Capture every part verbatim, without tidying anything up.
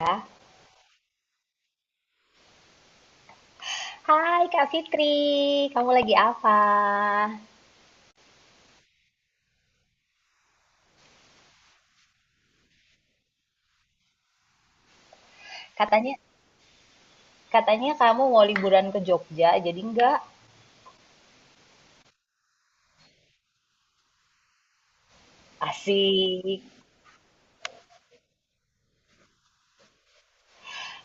Ya. Hai Kak Fitri, kamu lagi apa? Katanya katanya kamu mau liburan ke Jogja, jadi enggak? Asik.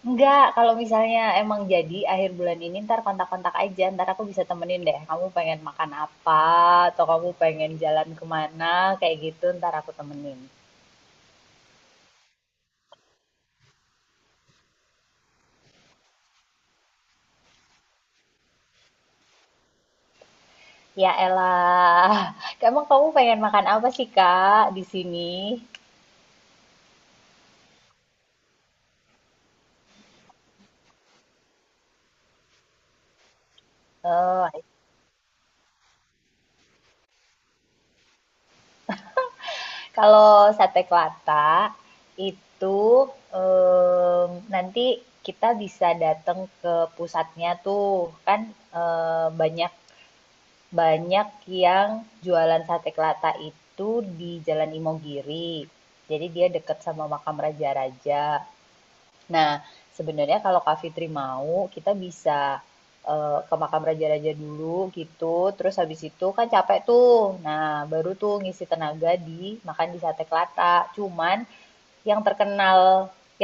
Enggak, kalau misalnya emang jadi akhir bulan ini ntar kontak-kontak aja, ntar aku bisa temenin deh. Kamu pengen makan apa, atau kamu pengen jalan kemana, kayak gitu ntar aku temenin. Ya elah, emang kamu pengen makan apa sih Kak di sini? Eh, kalau sate Kelata itu, eee, nanti kita bisa datang ke pusatnya tuh. Kan, eee, banyak banyak yang jualan sate Kelata itu di Jalan Imogiri. Jadi dia dekat sama makam raja-raja. Nah, sebenarnya kalau Kak Fitri mau, kita bisa eh, ke makam raja-raja dulu gitu. Terus habis itu kan capek tuh. Nah, baru tuh ngisi tenaga di makan di sate kelata. Cuman yang terkenal,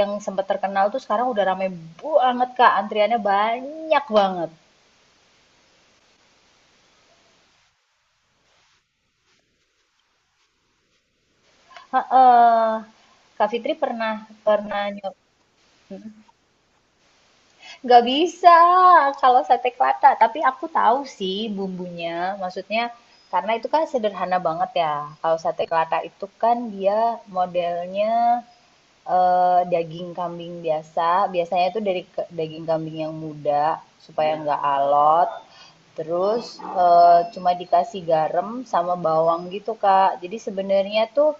yang sempat terkenal tuh sekarang udah rame banget Kak. Antriannya banyak banget. Heeh. Kak Fitri pernah pernah nyob- nggak bisa kalau sate Kelata, tapi aku tahu sih bumbunya. Maksudnya karena itu kan sederhana banget ya. Kalau sate Kelata itu kan dia modelnya eh, daging kambing biasa. Biasanya itu dari ke- daging kambing yang muda supaya nggak alot. Terus eh, cuma dikasih garam sama bawang gitu, Kak. Jadi sebenarnya tuh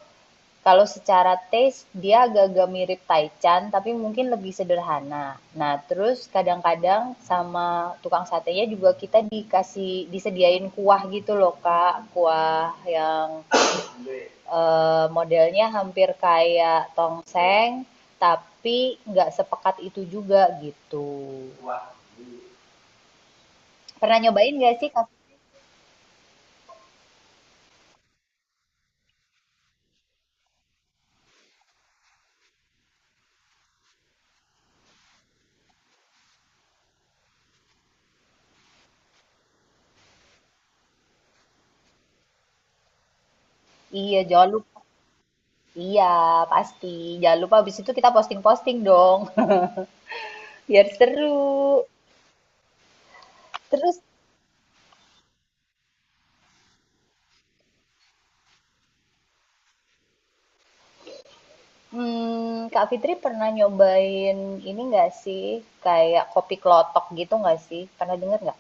kalau secara taste dia agak-agak mirip taichan tapi mungkin lebih sederhana. Nah, terus kadang-kadang sama tukang satenya juga kita dikasih disediain kuah gitu loh, Kak. Kuah yang eh, modelnya hampir kayak tongseng tapi nggak sepekat itu juga gitu. Pernah nyobain gak sih, Kak? Iya, jangan lupa. Iya, pasti. Jangan lupa habis itu kita posting-posting dong. Biar seru. Terus Mmm, Kak Fitri pernah nyobain ini nggak sih, kayak kopi klotok gitu nggak sih? Pernah denger nggak?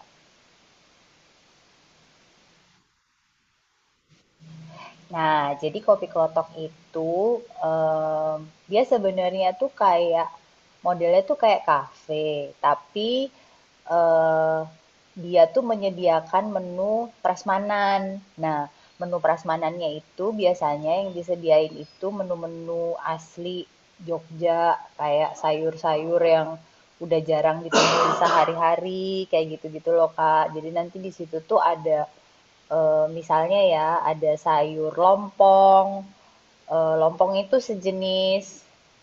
Nah, jadi kopi klotok itu em, dia sebenarnya tuh kayak modelnya tuh kayak kafe, tapi eh, dia tuh menyediakan menu prasmanan. Nah, menu prasmanannya itu biasanya yang disediain itu menu-menu asli Jogja, kayak sayur-sayur yang udah jarang ditemui sehari-hari, kayak gitu-gitu loh, Kak. Jadi nanti di situ tuh ada eh, misalnya ya ada sayur lompong. Eh, lompong itu sejenis,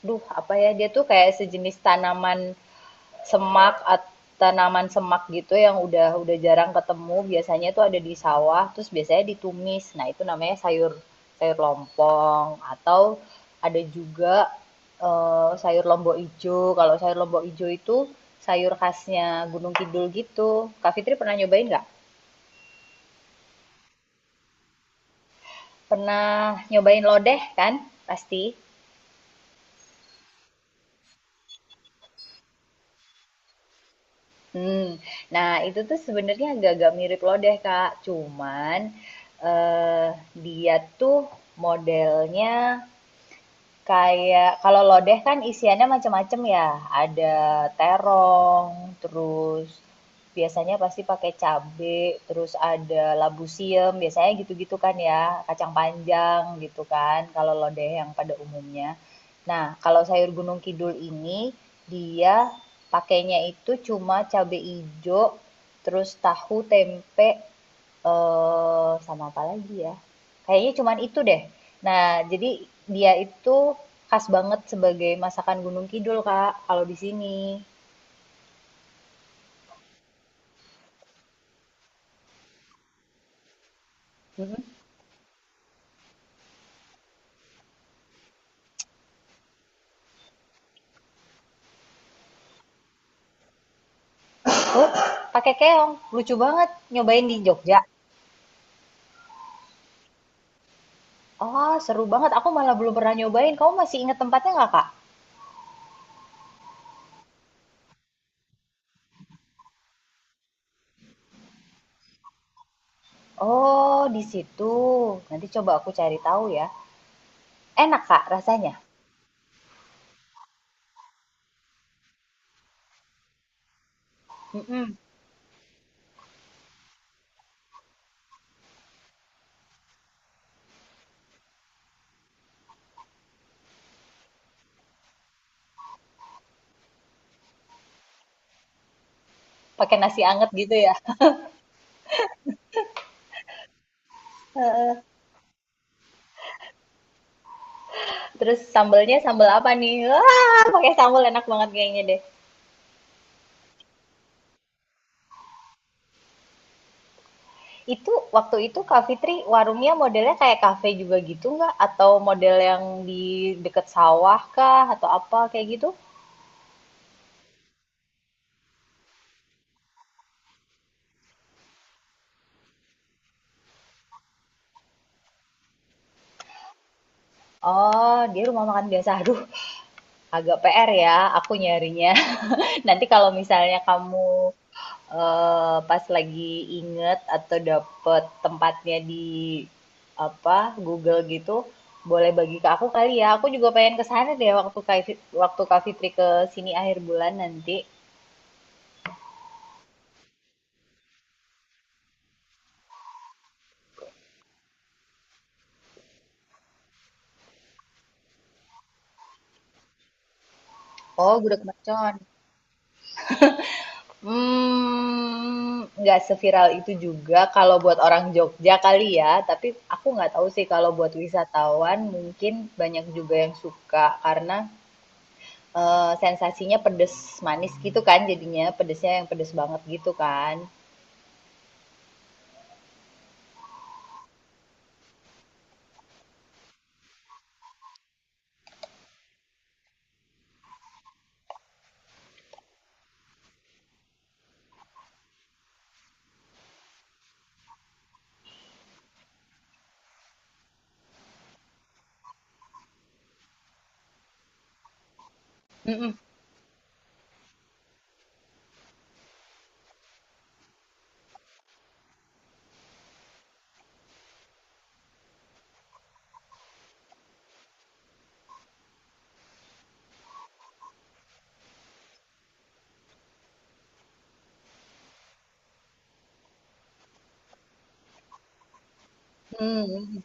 duh apa ya dia tuh kayak sejenis tanaman semak atau tanaman semak gitu yang udah udah jarang ketemu. Biasanya tuh ada di sawah, terus biasanya ditumis. Nah itu namanya sayur sayur lompong atau ada juga eh, sayur lombok ijo. Kalau sayur lombok ijo itu sayur khasnya Gunung Kidul gitu. Kak Fitri pernah nyobain nggak? Pernah nyobain lodeh kan? Pasti. Hmm. Nah, itu tuh sebenarnya agak-agak mirip lodeh, Kak. Cuman, eee, dia tuh modelnya kayak kalau lodeh kan isiannya macem-macem ya, ada terong, terus biasanya pasti pakai cabe, terus ada labu siam, biasanya gitu-gitu kan ya, kacang panjang gitu kan, kalau lodeh yang pada umumnya. Nah, kalau sayur Gunung Kidul ini dia pakainya itu cuma cabe hijau terus tahu, tempe, eh sama apa lagi ya? Kayaknya cuman itu deh. Nah, jadi dia itu khas banget sebagai masakan Gunung Kidul, Kak, kalau di sini. Mm-mm. Pakai keong. Lucu banget. Nyobain di Jogja. Oh, seru banget. Aku malah belum pernah nyobain. Kamu masih inget tempatnya nggak, Kak? Oh, di situ. Nanti coba aku cari tahu ya. Enak, Kak, rasanya. Mm. Pakai nasi anget gitu ya. Heeh. Terus sambelnya sambel apa nih? Wah, pakai sambel enak banget kayaknya deh. Itu waktu itu Kak Fitri warungnya modelnya kayak kafe juga gitu nggak? Atau model yang di deket sawah kah? Atau apa kayak gitu? Oh, dia rumah makan biasa. Aduh, agak P R ya aku nyarinya. Nanti kalau misalnya kamu eh, pas lagi inget atau dapet tempatnya di apa Google gitu, boleh bagi ke aku kali ya. Aku juga pengen ke sana deh waktu Kak Fit- waktu Kak Fitri ke sini akhir bulan nanti. Oh, gudeg mercon. Mmm, nggak seviral itu juga kalau buat orang Jogja kali ya, tapi aku nggak tahu sih kalau buat wisatawan mungkin banyak juga yang suka karena, eee, sensasinya pedes manis gitu kan jadinya, pedesnya yang pedes banget gitu kan. Mhm, mmm,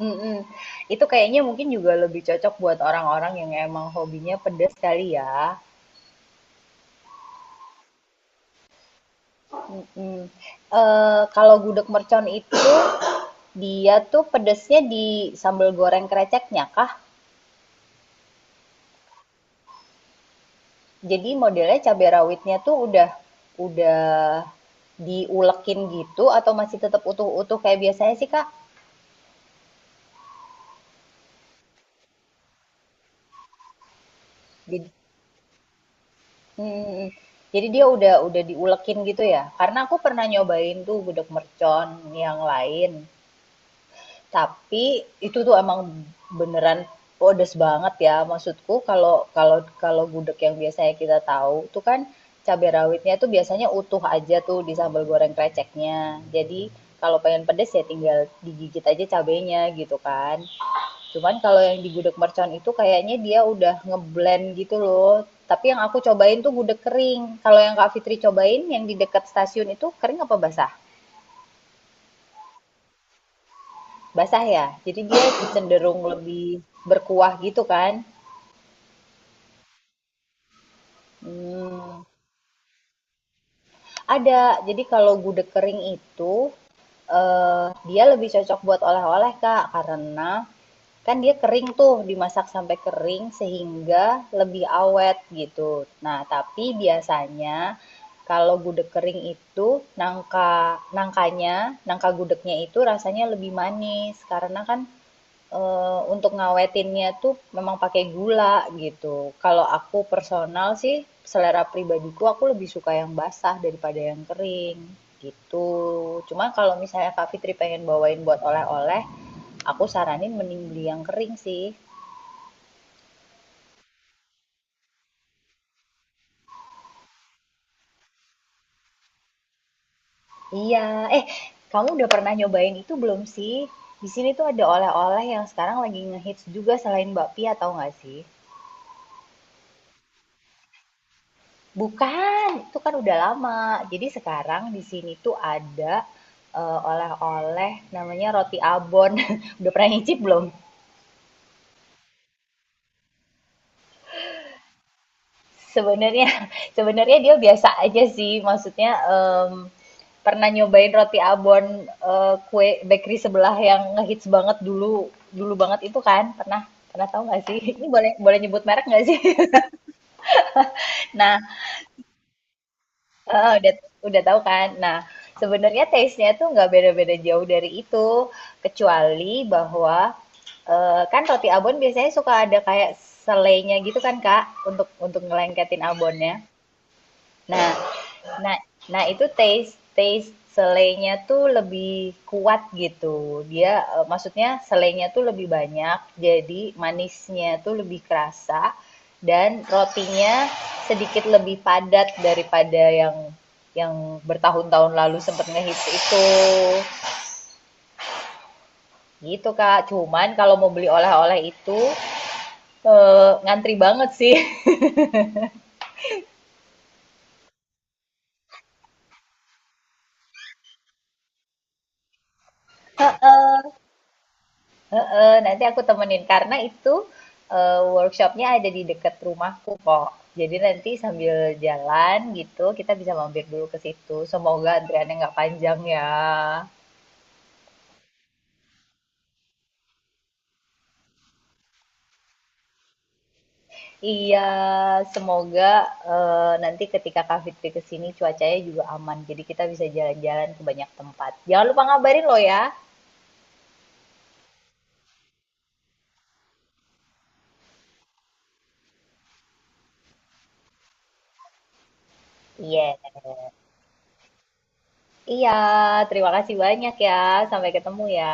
mhm, mhm. Itu kayaknya mungkin juga lebih cocok buat orang-orang yang emang hobinya pedes kali ya. Mhm. Eee, kalau gudeg mercon itu, dia tuh pedesnya di sambal goreng kreceknya kah? Jadi modelnya cabai rawitnya tuh udah udah diulekin gitu atau masih tetap utuh-utuh kayak biasanya sih, Kak? Jadi mhm, jadi dia udah udah diulekin gitu ya? Karena aku pernah nyobain tuh gudeg mercon yang lain. Tapi itu tuh emang beneran pedes banget ya. Maksudku kalau kalau kalau gudeg yang biasanya kita tahu tuh kan cabai rawitnya tuh biasanya utuh aja tuh di sambal goreng kreceknya. Jadi kalau pengen pedes ya tinggal digigit aja cabenya gitu kan. Cuman kalau yang di gudeg mercon itu kayaknya dia udah ngeblend gitu loh. Tapi yang aku cobain tuh gudeg kering. Kalau yang Kak Fitri cobain yang di dekat stasiun itu kering apa basah? Basah ya? Jadi dia cenderung lebih berkuah gitu kan? Hmm, ada. Jadi kalau gudeg kering itu eh, dia lebih cocok buat oleh-oleh Kak, karena kan dia kering tuh, dimasak sampai kering sehingga lebih awet gitu. Nah, tapi biasanya kalau gudeg kering itu nangka nangkanya, nangka gudegnya itu rasanya lebih manis karena kan Eee, untuk ngawetinnya tuh memang pakai gula gitu. Kalau aku personal sih, selera pribadiku aku lebih suka yang basah daripada yang kering, gitu. Cuma kalau misalnya Kak Fitri pengen bawain buat oleh-oleh, aku saranin mending beli yang kering sih. Iya, eh kamu udah pernah nyobain itu belum sih? Di sini tuh ada oleh-oleh yang sekarang lagi ngehits juga selain bakpia, tahu nggak sih? Bukan, itu kan udah lama. Jadi sekarang di sini tuh ada eh, oleh-oleh namanya roti abon. Udah pernah nyicip belum? Sebenarnya sebenarnya dia biasa aja sih. Maksudnya em, pernah nyobain roti abon eh, kue bakery sebelah yang ngehits banget dulu dulu banget itu kan? Pernah pernah tahu nggak sih? Ini boleh boleh nyebut merek nggak sih? Nah, Heeh, udah udah tahu kan? Nah, sebenarnya taste-nya tuh nggak beda-beda jauh dari itu, kecuali bahwa eh, kan roti abon biasanya suka ada kayak selainya gitu kan, Kak, untuk untuk ngelengketin abonnya. Nah, nah, nah itu taste taste selainya tuh lebih kuat gitu. Dia eh, maksudnya selainya tuh lebih banyak, jadi manisnya tuh lebih kerasa dan rotinya sedikit lebih padat daripada yang yang bertahun-tahun lalu sempet ngehits itu. Gitu Kak. Cuman kalau mau beli oleh-oleh itu eh, ngantri banget sih. Heeh, nanti aku temenin karena itu eh, workshopnya ada di dekat rumahku kok. Jadi nanti sambil jalan gitu kita bisa mampir dulu ke situ. Semoga antriannya nggak panjang ya. Iya, semoga eh, nanti ketika Kak Fitri ke sini cuacanya juga aman. Jadi kita bisa jalan-jalan ke banyak tempat. Jangan lupa ngabarin lo ya. Iya. Iya, terima kasih banyak ya. Sampai ketemu ya.